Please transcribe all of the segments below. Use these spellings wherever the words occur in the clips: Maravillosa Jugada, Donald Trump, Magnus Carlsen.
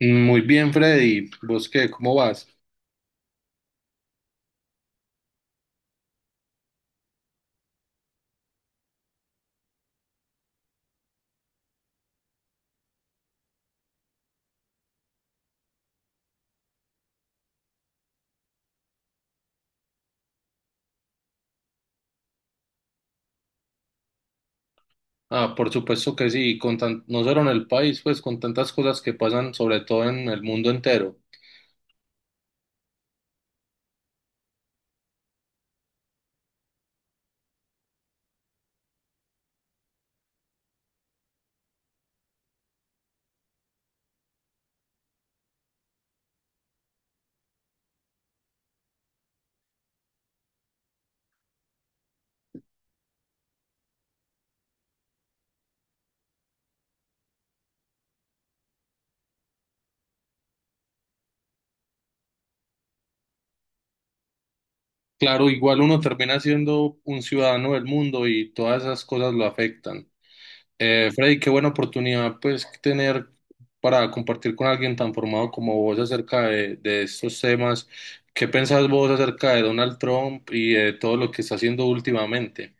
Muy bien, Freddy. ¿Vos qué? ¿Cómo vas? Ah, por supuesto que sí, con tan- no solo en el país, pues con tantas cosas que pasan, sobre todo en el mundo entero. Claro, igual uno termina siendo un ciudadano del mundo y todas esas cosas lo afectan. Freddy, qué buena oportunidad, pues, tener para compartir con alguien tan formado como vos acerca de estos temas. ¿Qué pensás vos acerca de Donald Trump y de todo lo que está haciendo últimamente?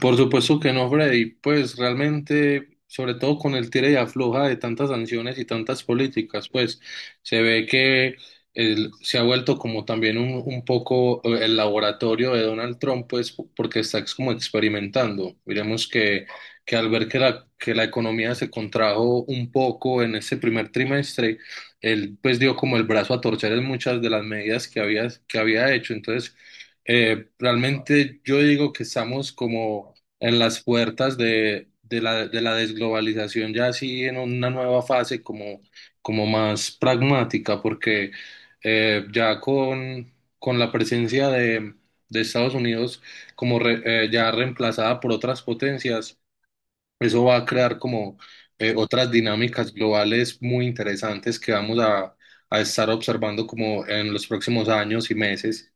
Por supuesto que no, Freddy. Pues realmente, sobre todo con el tira y afloja de tantas sanciones y tantas políticas, pues se ve que el- se ha vuelto como también un poco el laboratorio de Donald Trump, pues porque está ex- como experimentando. Miremos que al ver que que la economía se contrajo un poco en ese primer trimestre, él pues dio como el brazo a torcer en muchas de las medidas que que había hecho. Entonces, realmente yo digo que estamos como en las puertas de la desglobalización, ya así en una nueva fase como más pragmática, porque ya con la presencia de Estados Unidos como re- ya reemplazada por otras potencias, eso va a crear como otras dinámicas globales muy interesantes que vamos a estar observando como en los próximos años y meses.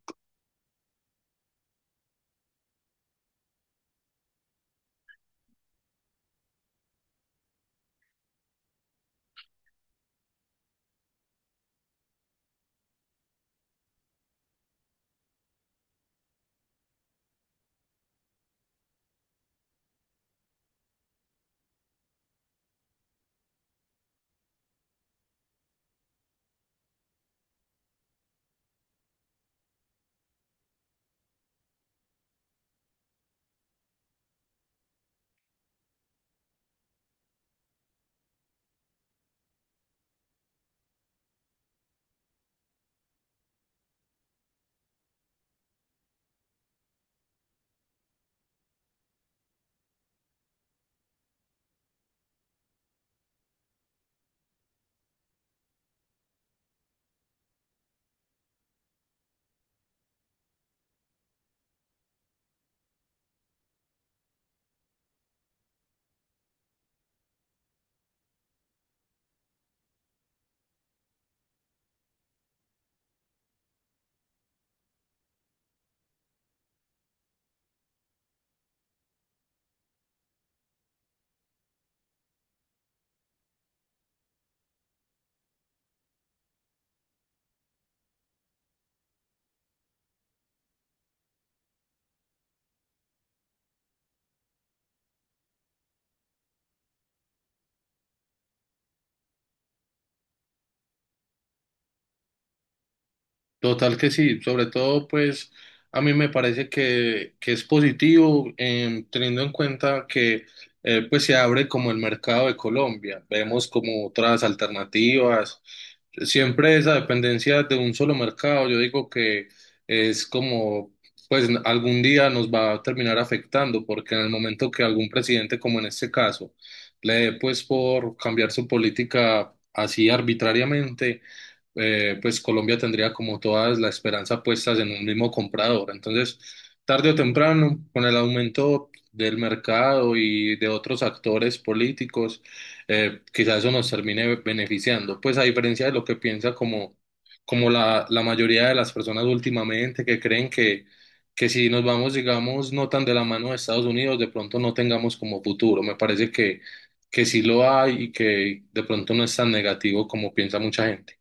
Total que sí, sobre todo pues a mí me parece que es positivo teniendo en cuenta que pues se abre como el mercado de Colombia, vemos como otras alternativas. Siempre esa dependencia de un solo mercado, yo digo que es como, pues algún día nos va a terminar afectando, porque en el momento que algún presidente, como en este caso, le dé pues por cambiar su política así arbitrariamente, pues Colombia tendría como todas la esperanza puestas en un mismo comprador. Entonces, tarde o temprano, con el aumento del mercado y de otros actores políticos, quizás eso nos termine beneficiando. Pues a diferencia de lo que piensa como, como la mayoría de las personas últimamente que creen que si nos vamos, digamos, no tan de la mano de Estados Unidos, de pronto no tengamos como futuro. Me parece que sí lo hay y que de pronto no es tan negativo como piensa mucha gente.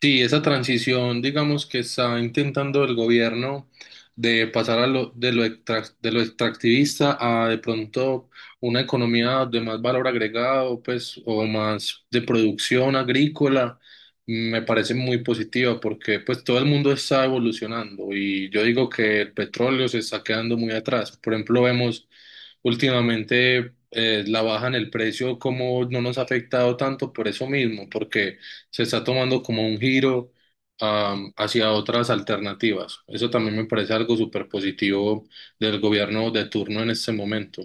Sí, esa transición, digamos que está intentando el gobierno de pasar a extrac- de lo extractivista a de pronto una economía de más valor agregado, pues, o más de producción agrícola, me parece muy positiva porque pues todo el mundo está evolucionando y yo digo que el petróleo se está quedando muy atrás. Por ejemplo, vemos últimamente la baja en el precio, como no nos ha afectado tanto por eso mismo, porque se está tomando como un giro hacia otras alternativas. Eso también me parece algo súper positivo del gobierno de turno en este momento.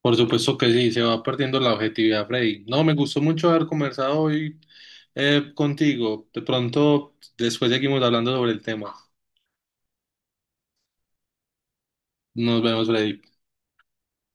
Por supuesto que sí, se va perdiendo la objetividad, Freddy. No, me gustó mucho haber conversado hoy contigo. De pronto, después seguimos hablando sobre el tema. Nos vemos, Freddy.